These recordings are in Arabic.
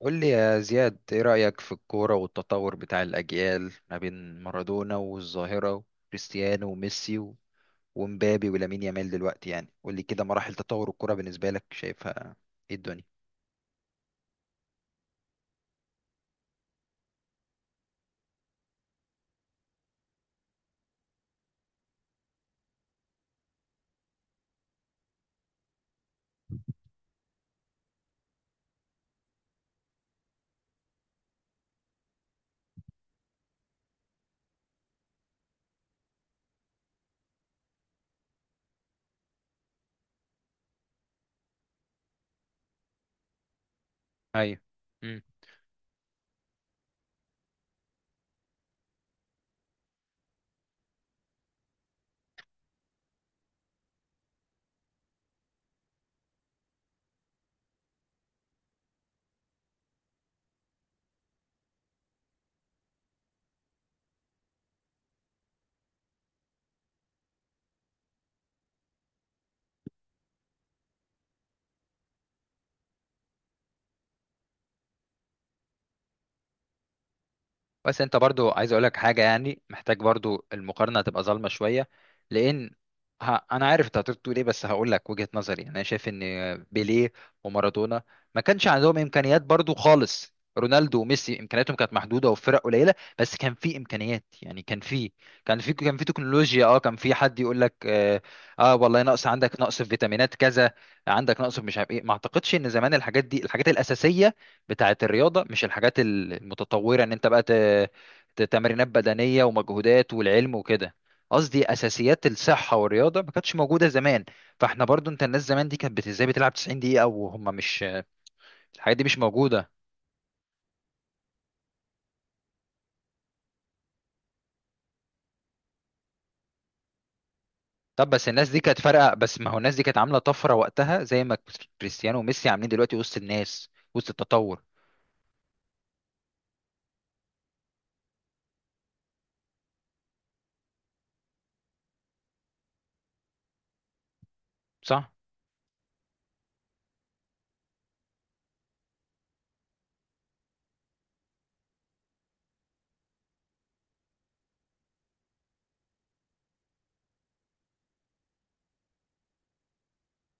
قول لي يا زياد، ايه رأيك في الكورة والتطور بتاع الأجيال ما بين مارادونا والظاهرة وكريستيانو وميسي ومبابي ولامين يامال دلوقتي؟ يعني قول لي كده مراحل تطور الكورة بالنسبة لك شايفها ايه الدنيا. ايوه، بس انت برضو عايز اقولك حاجه، يعني محتاج برضو المقارنه تبقى ظالمه شويه، لان انا عارف انت هتقول ايه بس هقول لك وجهه نظري. يعني انا شايف ان بيليه ومارادونا ما كانش عندهم امكانيات. برضو خالص رونالدو وميسي امكانياتهم كانت محدوده وفرق قليله، بس كان في امكانيات. يعني كان في كان في تكنولوجيا، كان في حد يقول لك آه والله نقص عندك، نقص في فيتامينات كذا، عندك نقص في مش عارف ايه. ما اعتقدش ان زمان الحاجات دي الحاجات الاساسيه بتاعة الرياضة، مش الحاجات المتطورة ان انت بقى تمرينات بدنية ومجهودات والعلم وكده. قصدي اساسيات الصحة والرياضة ما كانتش موجودة زمان. فاحنا برضو انت الناس زمان دي كانت ازاي بتلعب 90 دقيقة وهم مش الحاجات دي مش موجودة. طب بس الناس دي كانت فارقة، بس ما هو الناس دي كانت عاملة طفرة وقتها زي ما كريستيانو وميسي عاملين دلوقتي وسط الناس وسط التطور. صح.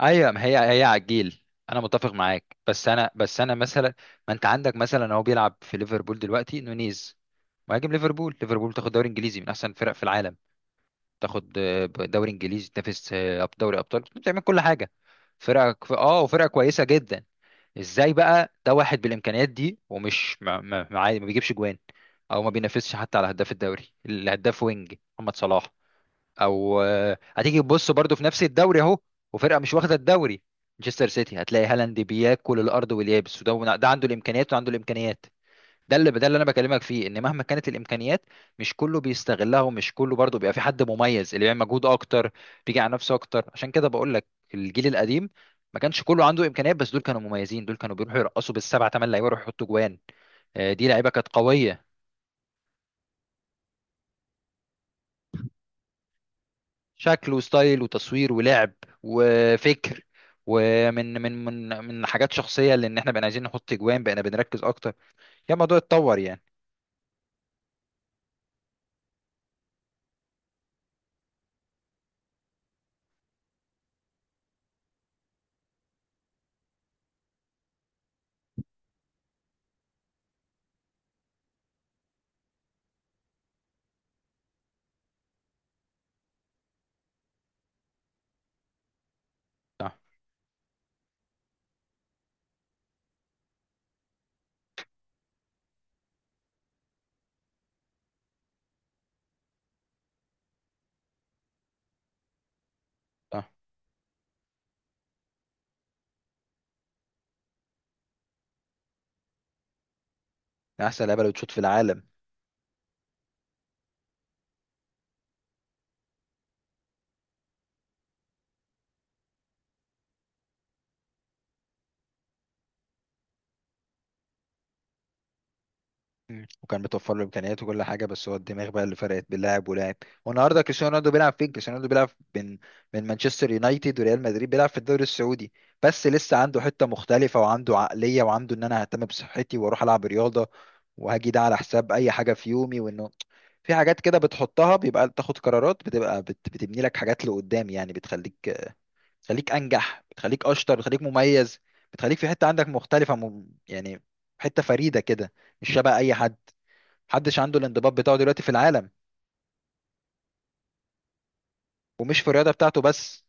ايوه ما هي هي عجيل. انا متفق معاك، بس انا مثلا، ما انت عندك مثلا هو بيلعب في ليفربول دلوقتي نونيز، مهاجم ليفربول. ليفربول تاخد دوري انجليزي من احسن الفرق في العالم، تاخد دوري انجليزي، تنافس دوري ابطال، بتعمل كل حاجه. فرقك وفرقه كويسه جدا. ازاي بقى ده واحد بالامكانيات دي ومش ما بيجيبش جوان، او ما بينافسش حتى على هداف الدوري، الهداف وينج محمد صلاح. او هتيجي تبص برضو في نفس الدوري اهو، وفرقه مش واخده الدوري، مانشستر سيتي، هتلاقي هالاند بياكل الارض واليابس، وده ده عنده الامكانيات وعنده الامكانيات. ده اللي انا بكلمك فيه، ان مهما كانت الامكانيات مش كله بيستغلها، ومش كله برضو بيبقى في حد مميز. اللي بيعمل مجهود اكتر بيجي على نفسه اكتر، عشان كده بقول لك الجيل القديم ما كانش كله عنده امكانيات، بس دول كانوا مميزين، دول كانوا بيروحوا يرقصوا بالسبع ثمان لعيبه يروحوا يحطوا جوان. دي لعيبه كانت قويه. شكل وستايل وتصوير ولعب وفكر، ومن من من من حاجات شخصيه لان احنا بقينا عايزين نحط اجوان، بقينا بنركز اكتر يا الموضوع اتطور يعني. صح. صح، من احسن لعيبه اللي بتشوط في العالم. مم. وكان متوفر له امكانيات وكل حاجه، بس هو الدماغ بقى اللي فرقت بين لاعب ولاعب. والنهارده كريستيانو رونالدو بيلعب فين؟ كريستيانو رونالدو بيلعب من مانشستر يونايتد وريال مدريد بيلعب في الدوري السعودي، بس لسه عنده حته مختلفه وعنده عقليه وعنده ان انا ههتم بصحتي واروح العب رياضه وهاجي ده على حساب اي حاجه في يومي. وانه في حاجات كده بتحطها بيبقى تاخد قرارات بتبقى بتبني لك حاجات لقدام. يعني بتخليك بتخليك انجح، بتخليك اشطر، بتخليك مميز، بتخليك في حته عندك مختلفه يعني حته فريده كده، مش شبه اي حد. محدش عنده الانضباط بتاعه دلوقتي في العالم، ومش في الرياضة بتاعته بس.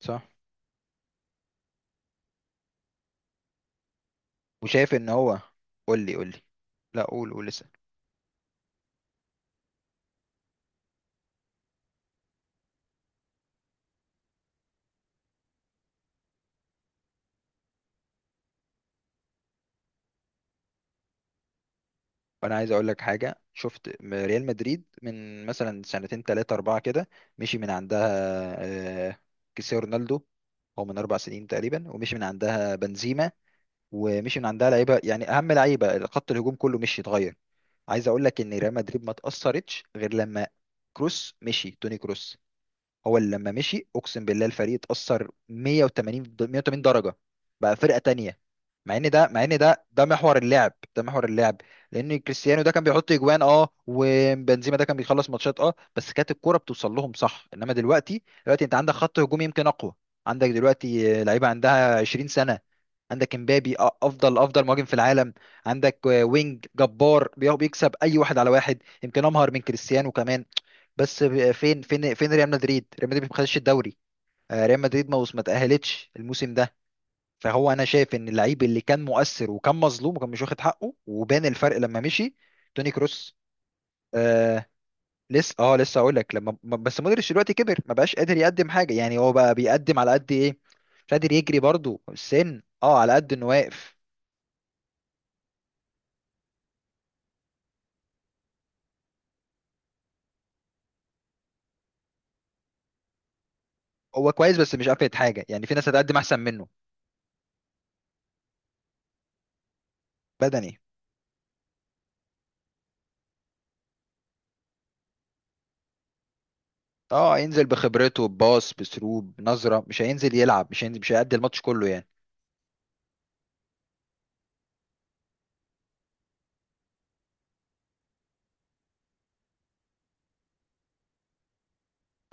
صح. وشايف ان هو، قول لي قول لي. لا قول قول لسه. وانا عايز اقول لك حاجة، شفت ريال مدريد من مثلا سنتين تلاتة اربعة كده مشي من عندها آه، كريستيانو رونالدو، هو من اربع سنين تقريبا، ومشي من عندها بنزيما، ومشي من عندها لعيبه، يعني اهم لعيبه خط الهجوم كله مشي اتغير. عايز اقول لك ان ريال مدريد ما تاثرتش غير لما كروس مشي، توني كروس هو اللي لما مشي اقسم بالله الفريق اتأثر 180 درجة، بقى فرقة تانية. مع ان ده ده محور اللعب، ده محور اللعب، لان كريستيانو ده كان بيحط اجوان اه، وبنزيما ده كان بيخلص ماتشات اه، بس كانت الكرة بتوصل لهم صح. انما دلوقتي، دلوقتي انت عندك خط هجوم يمكن اقوى، عندك دلوقتي لعيبة عندها 20 سنة، عندك امبابي افضل افضل مهاجم في العالم، عندك وينج جبار بيكسب اي واحد على واحد يمكن امهر من كريستيانو كمان، بس فين فين ريال مدريد؟ ريال مدريد ما خدش الدوري، ريال مدريد ما تأهلتش الموسم ده. فهو انا شايف ان اللعيب اللي كان مؤثر وكان مظلوم وكان مش واخد حقه وبان الفرق لما مشي توني كروس. آه لسه لسه اقول لك لما بس مودريتش دلوقتي كبر، ما بقاش قادر يقدم حاجه، يعني هو بقى بيقدم على قد ايه، مش قادر يجري برضه، السن اه، على قد انه واقف. هو كويس بس مش قافلة حاجه، يعني في ناس هتقدم احسن منه. بدني. اه هينزل بخبرته، بباص، بسروب، بنظره، مش هينزل يلعب، مش هينزل، مش هيأدي الماتش كله يعني.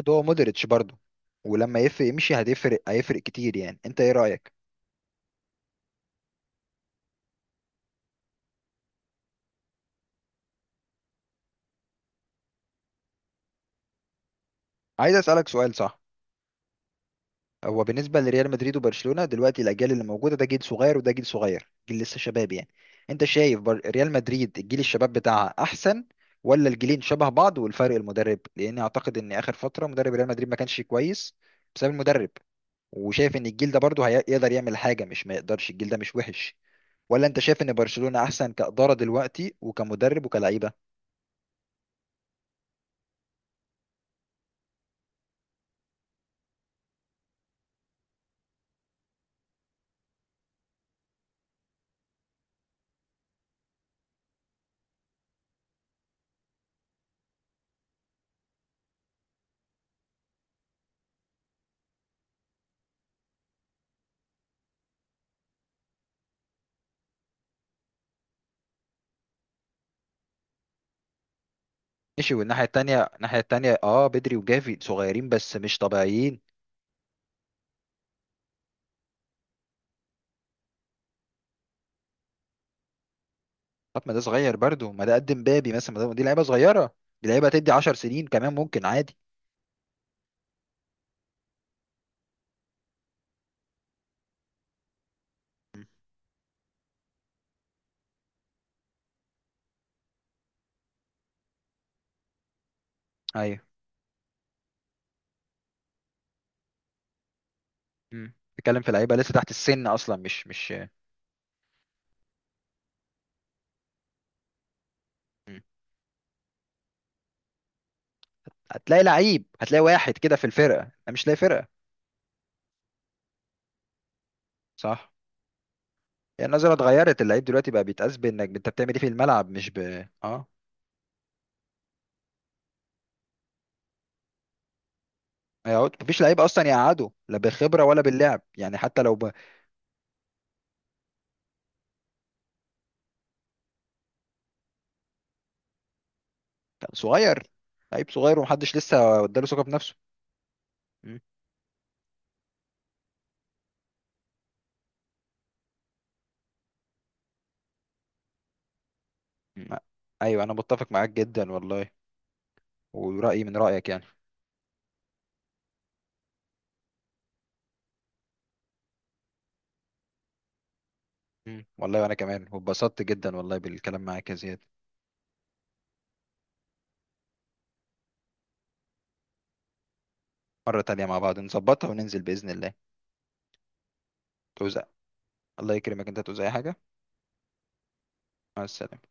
ده هو مودريتش برضه، ولما يفرق يمشي هتفرق، هيفرق كتير يعني، انت ايه رأيك؟ عايز اسألك سؤال، صح. هو بالنسبة لريال مدريد وبرشلونة دلوقتي، الأجيال اللي موجودة ده جيل صغير وده جيل صغير، جيل لسه شباب يعني. أنت شايف ريال مدريد الجيل الشباب بتاعها أحسن، ولا الجيلين شبه بعض والفرق المدرب؟ لأني أعتقد إن آخر فترة مدرب ريال مدريد ما كانش كويس، بسبب المدرب. وشايف إن الجيل ده برضه هيقدر يعمل حاجة مش ما يقدرش، الجيل ده مش وحش، ولا انت شايف ان برشلونة احسن كإدارة دلوقتي وكمدرب وكلعيبة؟ ماشي، والناحية التانية، الناحية التانية اه بدري وجافي صغيرين بس مش طبيعيين. طب ما ده صغير برضه، ما ده قد مبابي مثلا، ما دي لعيبة صغيرة، دي لعيبة تدي 10 سنين كمان ممكن عادي. مم. ايوه. مم. بتتكلم في لعيبة لسه تحت السن اصلا، مش مش. مم. هتلاقي لعيب، هتلاقي واحد كده في الفرقة، انا مش لاقي فرقة. صح. هي النظرة اتغيرت، اللعيب دلوقتي بقى بيتقاس بانك انت بتعمل ايه في الملعب، مش ب هيقعد. مفيش لعيب اصلا يقعده، لا بخبره ولا باللعب يعني، حتى لو كان صغير، لعيب صغير ومحدش لسه اداله ثقه بنفسه. مم. مم. ايوه انا متفق معاك جدا والله، ورايي من رايك يعني. مم. والله وانا كمان واتبسطت جدا والله بالكلام معاك يا زياد. مره تانية مع بعض نظبطها وننزل باذن الله. توزع، الله يكرمك انت، توزع أي حاجه. مع السلامه.